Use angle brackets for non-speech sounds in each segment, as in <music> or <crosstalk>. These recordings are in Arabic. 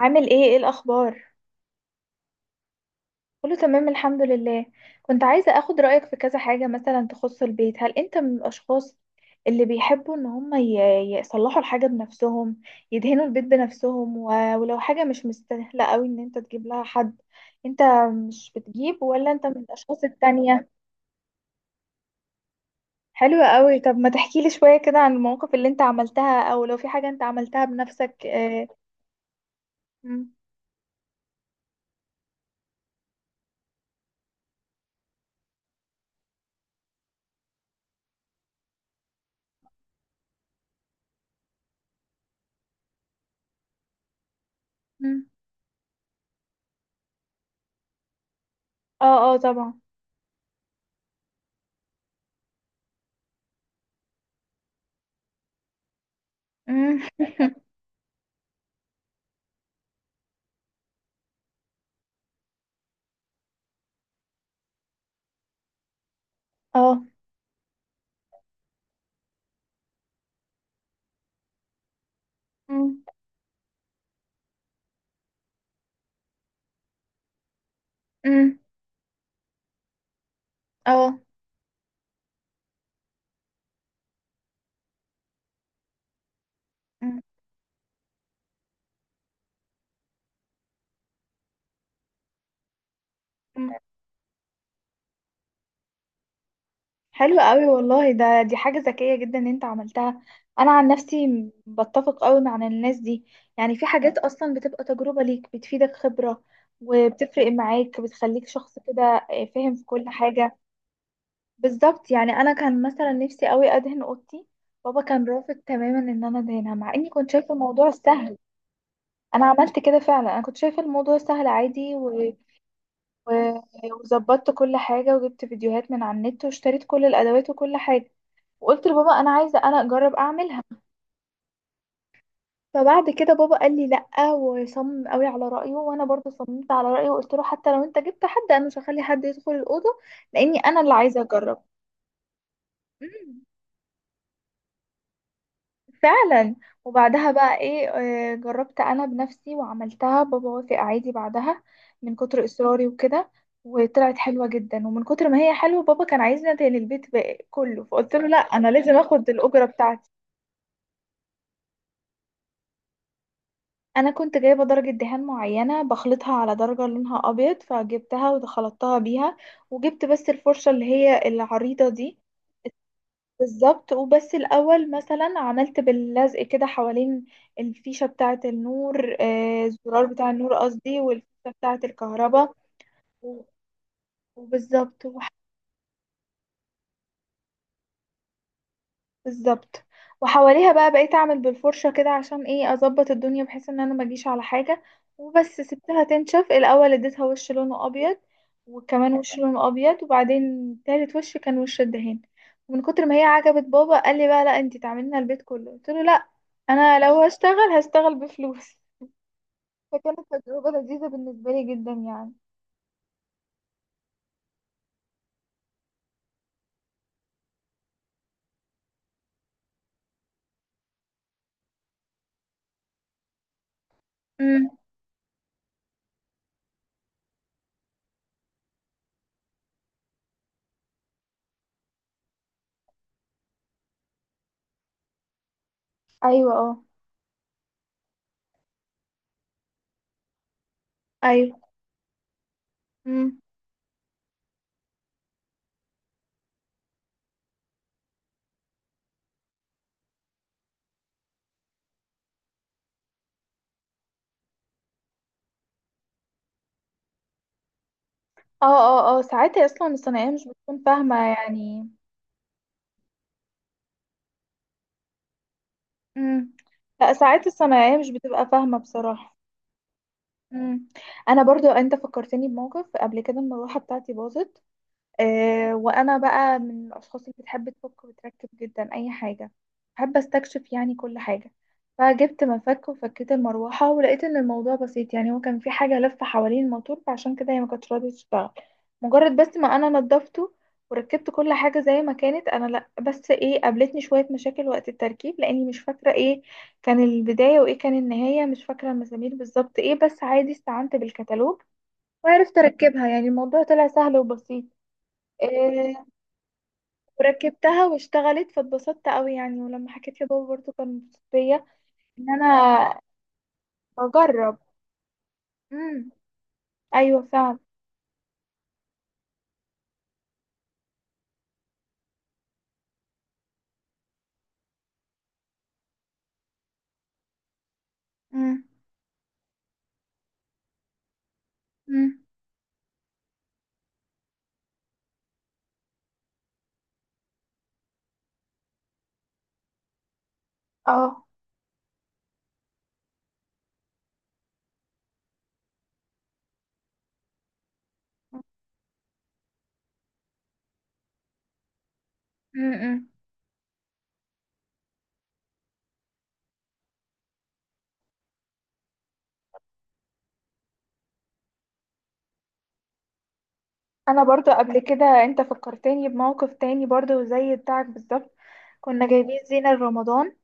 عامل ايه ايه الاخبار؟ كله تمام الحمد لله. كنت عايزة اخد رأيك في كذا حاجة مثلا تخص البيت. هل انت من الاشخاص اللي بيحبوا ان هم يصلحوا الحاجة بنفسهم، يدهنوا البيت بنفسهم، ولو حاجة مش مستاهلة قوي ان انت تجيب لها حد؟ انت مش بتجيب، ولا انت من الاشخاص التانية؟ حلوة قوي. طب ما تحكي لي شوية كده عن المواقف اللي انت عملتها، او لو في حاجة انت عملتها بنفسك. اه. مم. مم. اه. آه طبعا. مم. اه. مم. مم. اه. مم. مم. حلو قوي والله، ده دي حاجة ذكية جدا ان انت عملتها. انا عن نفسي بتفق قوي مع الناس دي. يعني في حاجات اصلا بتبقى تجربة ليك، بتفيدك خبرة، وبتفرق معاك، بتخليك شخص كده فاهم في كل حاجة. بالظبط. يعني انا كان مثلا نفسي قوي ادهن اوضتي. بابا كان رافض تماما ان انا ادهنها، مع اني كنت شايفة الموضوع سهل. انا عملت كده فعلا، انا كنت شايفة الموضوع سهل عادي و... وظبطت كل حاجة، وجبت فيديوهات من على النت، واشتريت كل الادوات وكل حاجة. وقلت لبابا انا عايزه انا اجرب اعملها. فبعد كده بابا قال لي لا، وصمم قوي على رايه، وانا برضو صممت على رايه، وقلت له حتى لو انت جبت حد انا مش هخلي حد يدخل الاوضه، لاني انا اللي عايزه اجرب. مم. فعلا. وبعدها بقى ايه، جربت انا بنفسي وعملتها. بابا وافق عادي بعدها، من كتر اصراري وكده. وطلعت حلوه جدا، ومن كتر ما هي حلوه بابا كان عايزنا تاني البيت بقى كله، فقلت له لا انا لازم اخد الاجره بتاعتي انا كنت جايبه درجه دهان معينه بخلطها على درجه لونها ابيض فجبتها وخلطتها بيها وجبت بس الفرشه اللي هي العريضه دي بالظبط وبس الاول مثلا عملت باللزق كده حوالين الفيشه بتاعه النور آه الزرار بتاع النور قصدي والفيشه بتاعه الكهرباء و- وبالظبط بالظبط وحواليها بقى بقيت اعمل بالفرشة كده عشان ايه اظبط الدنيا بحيث ان انا ما اجيش على حاجة وبس سبتها تنشف الاول اديتها وش لونه ابيض وكمان وش لونه ابيض وبعدين تالت وش كان وش الدهان ومن كتر ما هي عجبت بابا قال لي بقى لا انتي تعملينا البيت كله قلت له لا، انا لو هشتغل هشتغل بفلوس. <laughs> فكانت تجربة لذيذة بالنسبة لي جدا يعني. امم. ايوه اه. ايوه. امم. اه اه اه، ساعتها اصلا الصناعية مش بتكون فاهمة يعني. امم. لا، ساعات الصنايعية مش بتبقى فاهمة بصراحة. امم. انا برضو انت فكرتني بموقف قبل كده. المروحة بتاعتي باظت، وانا بقى من الاشخاص اللي بتحب تفك وتركب جدا اي حاجه. بحب استكشف يعني كل حاجه. فجبت مفك وفكيت المروحه، ولقيت ان الموضوع بسيط. يعني هو كان في حاجه لفه حوالين الموتور، فعشان كده هي ما كانتش راضيه تشتغل. مجرد بس ما انا نضفته وركبت كل حاجه زي ما كانت. انا لا بس ايه، قابلتني شويه مشاكل وقت التركيب، لاني مش فاكره ايه كان البدايه وايه كان النهايه، مش فاكره المسامير بالظبط ايه، بس عادي استعنت بالكتالوج وعرفت اركبها. يعني الموضوع طلع سهل وبسيط. آه، وركبتها واشتغلت، فاتبسطت قوي يعني. ولما حكيت لبابا برضو كان مبسوط بيا ان انا بجرب. امم. ايوه فعلا. امم. امم. اه. امم. انا برضو قبل كده انت فكرتني بموقف تاني برضو زي بتاعك بالظبط. كنا جايبين زينة لرمضان،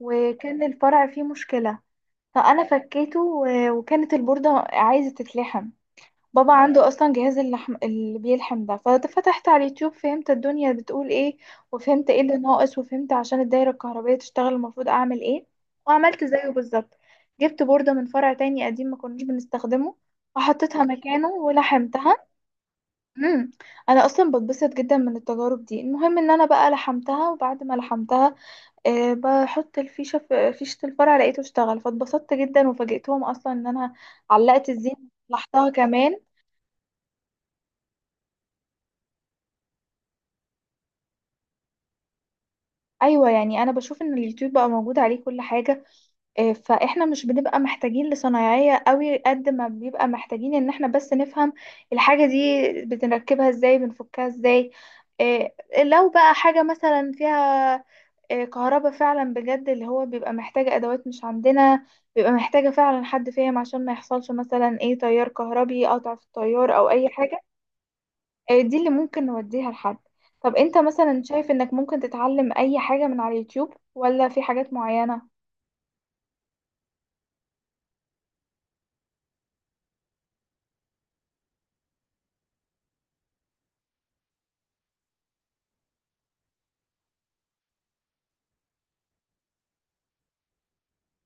وكان الفرع فيه مشكلة. فانا فكيته، وكانت البوردة عايزة تتلحم. بابا عنده اصلا جهاز اللحم اللي بيلحم ده. ففتحت على اليوتيوب، فهمت الدنيا بتقول ايه، وفهمت ايه اللي ناقص، وفهمت عشان الدايره الكهربائيه تشتغل المفروض اعمل ايه. وعملت زيه بالظبط. جبت بورده من فرع تاني قديم ما كناش بنستخدمه، وحطيتها مكانه ولحمتها. امم. انا اصلا بتبسط جدا من التجارب دي. المهم ان انا بقى لحمتها، وبعد ما لحمتها أه بحط الفيشه في فيشه الفرع، لقيته اشتغل، فاتبسطت جدا وفاجئتهم. اصلا ان انا علقت الزين لحظتها كمان. ايوه، يعني انا بشوف ان اليوتيوب بقى موجود عليه كل حاجه. فاحنا مش بنبقى محتاجين لصنايعيه قوي، قد ما بيبقى محتاجين ان احنا بس نفهم الحاجه دي بنركبها ازاي، بنفكها ازاي. آه، لو بقى حاجه مثلا فيها كهرباء فعلا بجد، اللي هو بيبقى محتاجه ادوات مش عندنا، بيبقى محتاجه فعلا حد فاهم، عشان ما يحصلش مثلا ايه تيار كهربي، قطع في التيار او اي حاجه. دي اللي ممكن نوديها لحد. طب انت مثلا شايف انك ممكن تتعلم اي حاجة من على اليوتيوب، ولا في حاجات معينة؟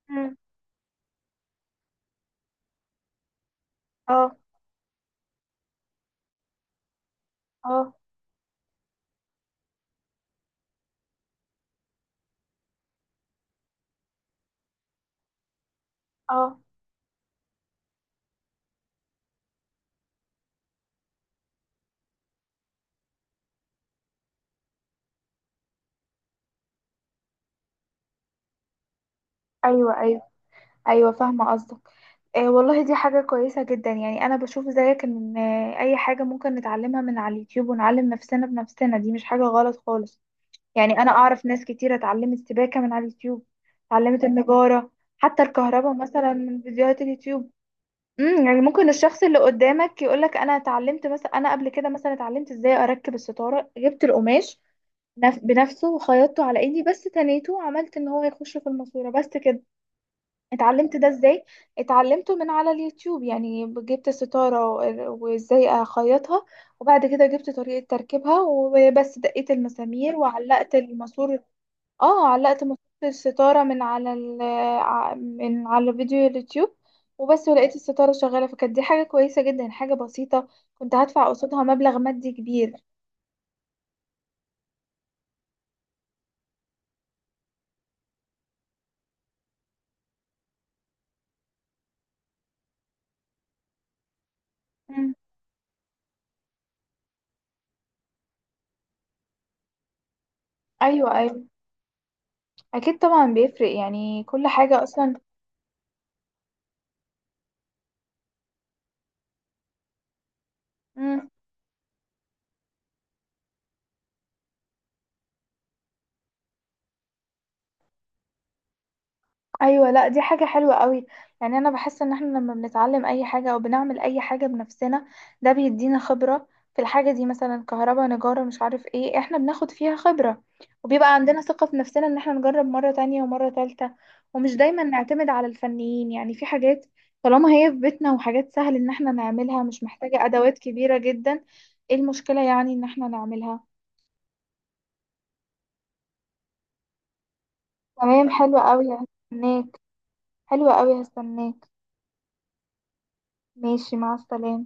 مم. اه اه اه. ايوه ايوه. ايوه فاهمة قصدك. آه والله دي حاجة كويسة جدا. يعني انا بشوف زيك ان اي حاجة ممكن نتعلمها من على اليوتيوب، ونعلم نفسنا بنفسنا، دي مش حاجة غلط خالص. يعني انا اعرف ناس كتيرة اتعلمت سباكة من على اليوتيوب، اتعلمت النجارة، حتى الكهرباء مثلا من فيديوهات اليوتيوب. امم. يعني ممكن الشخص اللي قدامك يقولك انا اتعلمت مثلا. انا قبل كده مثلا اتعلمت ازاي اركب الستاره، جبت القماش بنفسه وخيطته على ايدي، بس تنيته وعملت ان هو يخش في الماسوره بس كده. اتعلمت ده ازاي؟ اتعلمته من على اليوتيوب. يعني جبت الستاره وازاي اخيطها، وبعد كده جبت طريقه تركيبها، وبس دقيت المسامير وعلقت الماسور. اه علقت مفك الستارة من على من على فيديو اليوتيوب وبس. ولقيت الستارة شغالة، فكانت دي حاجة كويسة جدا، حاجة بسيطة كنت هدفع قصادها مبلغ مادي كبير. مم. ايوه ايوه. اكيد طبعا بيفرق يعني كل حاجة اصلا. مم. ايوه. لا دي حاجه حلوه قوي. يعني انا بحس ان احنا لما بنتعلم اي حاجه او بنعمل اي حاجه بنفسنا، ده بيدينا خبره في الحاجه دي، مثلا كهرباء، نجاره، مش عارف ايه، احنا بناخد فيها خبره. وبيبقى عندنا ثقه في نفسنا ان احنا نجرب مره تانية ومره تالتة، ومش دايما نعتمد على الفنيين، يعني في حاجات طالما هي في بيتنا وحاجات سهل ان احنا نعملها، مش محتاجه ادوات كبيره جدا، ايه المشكله يعني ان احنا نعملها. تمام حلوه قوي هستناك. حلوه قوي هستناك. ماشي مع السلامه.